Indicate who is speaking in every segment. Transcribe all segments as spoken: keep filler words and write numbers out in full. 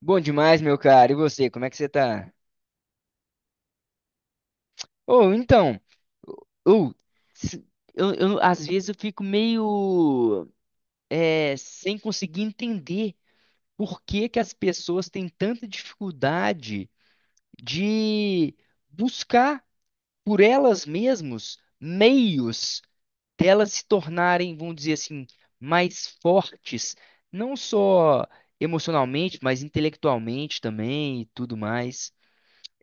Speaker 1: Bom demais, meu cara. E você, como é que você tá? Ou então, ou se- eu, eu- às vezes eu fico meio é, sem conseguir entender por que que as pessoas têm tanta dificuldade de buscar por elas mesmas meios delas se tornarem, vamos dizer assim, mais fortes, não só emocionalmente, mas intelectualmente também e tudo mais.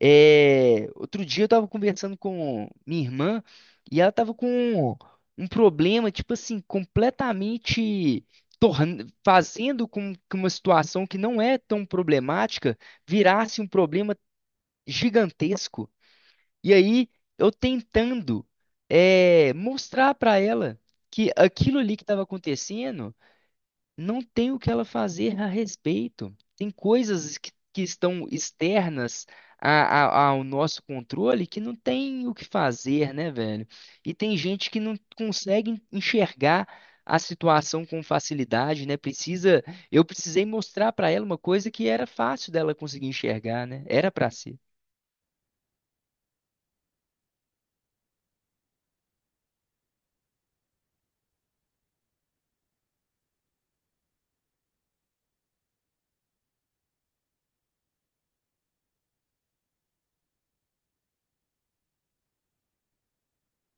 Speaker 1: É, outro dia eu tava conversando com minha irmã e ela tava com um problema, tipo assim, completamente torn- fazendo com que uma situação que não é tão problemática virasse um problema gigantesco. E aí eu tentando, é, mostrar pra ela que aquilo ali que estava acontecendo não tem o que ela fazer a respeito. Tem coisas que, que estão externas a- a- ao nosso controle que não tem o que fazer, né, velho? E tem gente que não consegue enxergar a situação com facilidade, né? Precisa, eu precisei mostrar pra ela uma coisa que era fácil dela conseguir enxergar, né? Era pra si.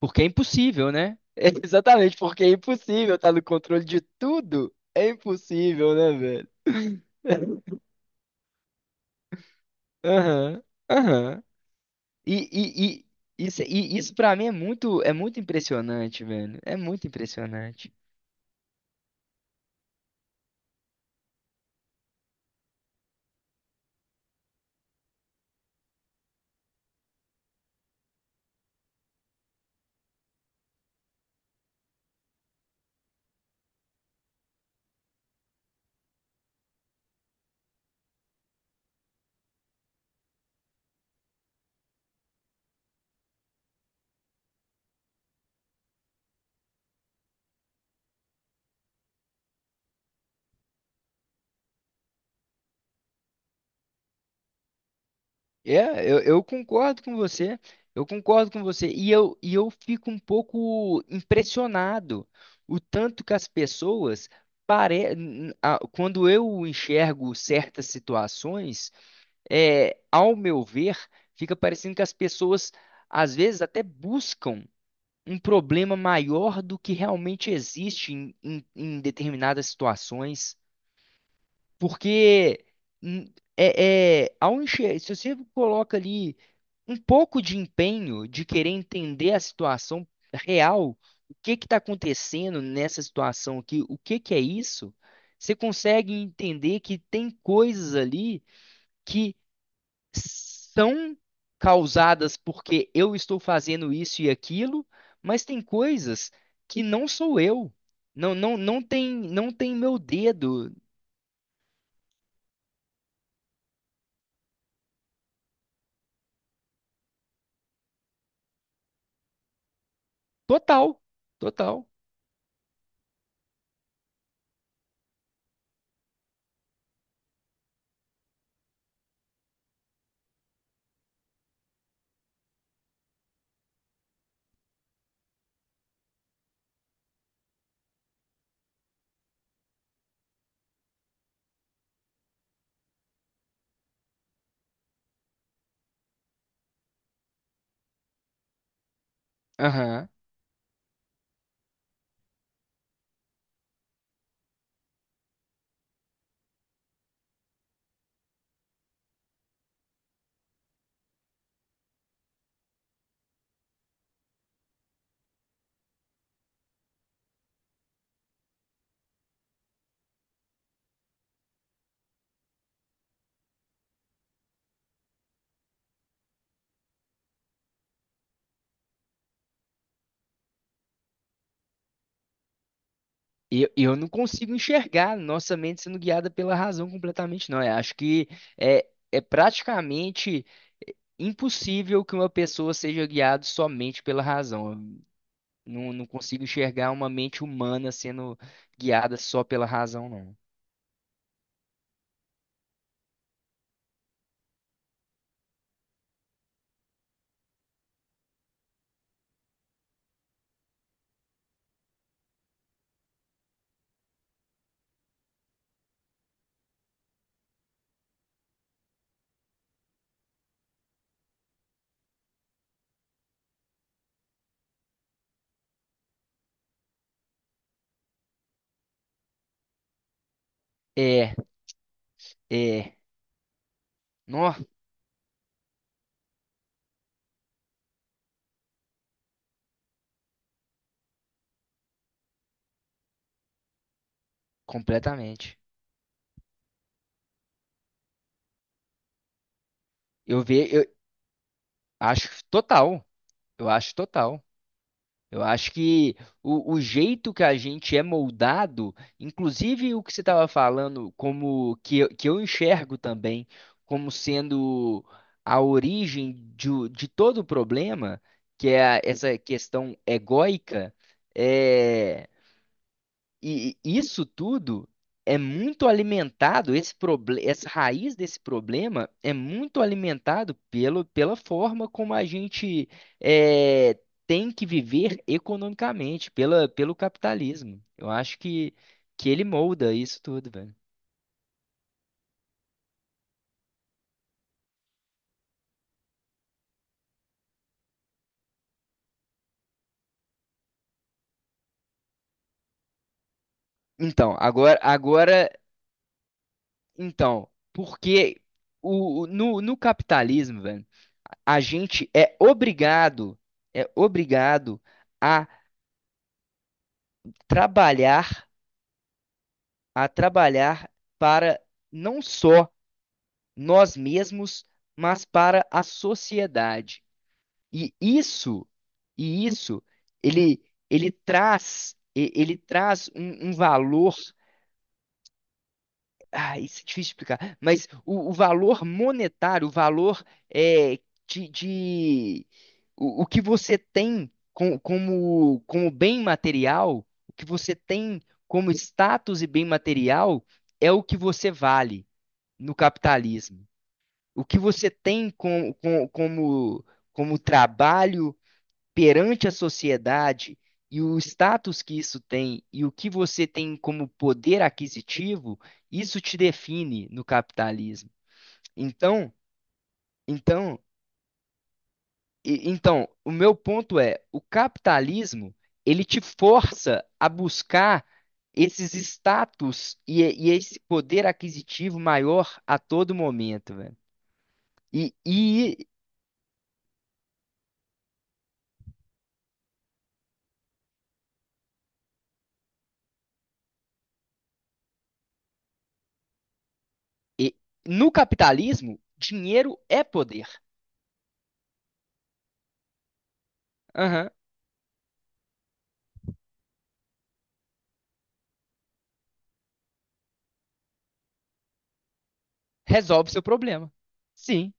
Speaker 1: Porque é impossível, né? É exatamente, porque é impossível estar no controle de tudo. É impossível, né, velho? Aham, aham. E, e, e isso, e isso para mim é muito, é muito impressionante, velho. É muito impressionante. É, eu, eu concordo com você. Eu concordo com você. E eu, e eu fico um pouco impressionado o tanto que as pessoas pare... n- a- quando eu enxergo certas situações, é, ao meu ver, fica parecendo que as pessoas às vezes até buscam. um problema maior do que realmente existe em, em- em determinadas situações, porque hum, é, é, ao enxer- se você coloca ali um pouco de empenho de querer entender a situação real, o que que está acontecendo nessa situação aqui, o que que é isso, você consegue entender que tem coisas ali que são causadas porque eu estou fazendo isso e aquilo, mas tem coisas que não sou eu. Não, não, não tem, não tem meu dedo. Total, total. Aham. Eu, eu não consigo enxergar nossa mente sendo guiada pela razão completamente, não. Eu acho que é, é praticamente impossível que uma pessoa seja guiada somente pela razão. Eu não, não consigo enxergar uma mente humana sendo guiada só pela razão, não. é É, nó, completamente. Eu ve, eu acho total. Eu acho total. Eu acho que o, o jeito que a gente é moldado, inclusive o que você estava falando, como que, eu- que eu enxergo também como sendo a origem de, o- de todo o problema, que é a- essa questão egóica, é. E isso tudo é muito alimentado, esse proble- essa raiz desse problema é muito alimentado pelo, pela forma como a gente é, tem que viver economicamente, pela, pelo capitalismo. Eu acho que, que ele molda isso tudo, velho. Então, agora, agora, então, porque o, o- no, no capitalismo, velho, a gente é obrigado, é obrigado a trabalhar a trabalhar para não só nós mesmos, mas para a sociedade. E isso, e isso, ele, ele traz, e- ele traz um, um valor. Ah, isso é difícil de explicar, mas o, o valor monetário, o valor é, de, de- o, o que você tem com- como, como bem material, o que você tem como status e bem material é o que você vale. no capitalismo. O que você tem com, com- como, como trabalho perante a sociedade e o status que isso tem e o que você tem como poder aquisitivo, isso te define no capitalismo. Então, então, e- então, o meu ponto é, o capitalismo, ele te força a buscar esses status e, e esse poder aquisitivo maior a todo momento, velho. E, e E no capitalismo, dinheiro é poder. Aham. Resolve seu problema. Sim,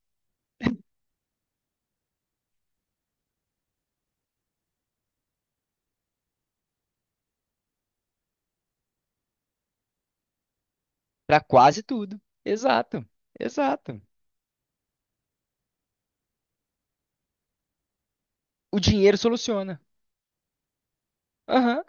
Speaker 1: para quase tudo. Exato, exato. O dinheiro soluciona. Aham,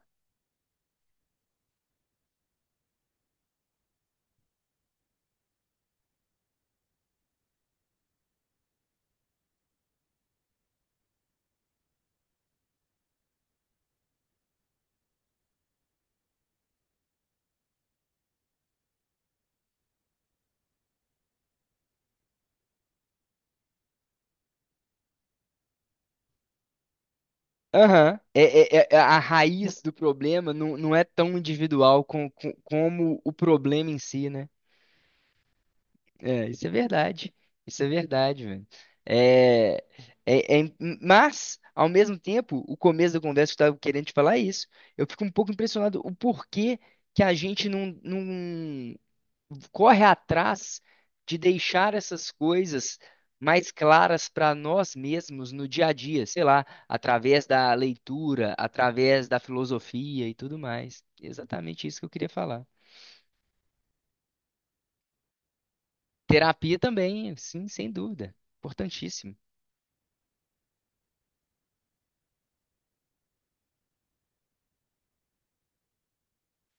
Speaker 1: aham. É, é- é- a raiz do problema não, não é tão individual com- com- como o problema em si, né? É, isso é verdade. Isso é verdade, velho. É, é, é mas, ao mesmo tempo, o começo da conversa que eu estava querendo te falar é isso. Eu fico um pouco impressionado o porquê que a gente não, não corre atrás de deixar essas coisas mais claras para nós mesmos no dia a dia, sei lá, através da leitura, através da filosofia e tudo mais. Exatamente isso que eu queria falar. Terapia também, sim, sem dúvida. Importantíssimo.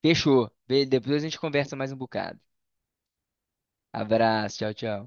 Speaker 1: Fechou. Be- Depois a gente conversa mais um bocado. Abraço, tchau, tchau.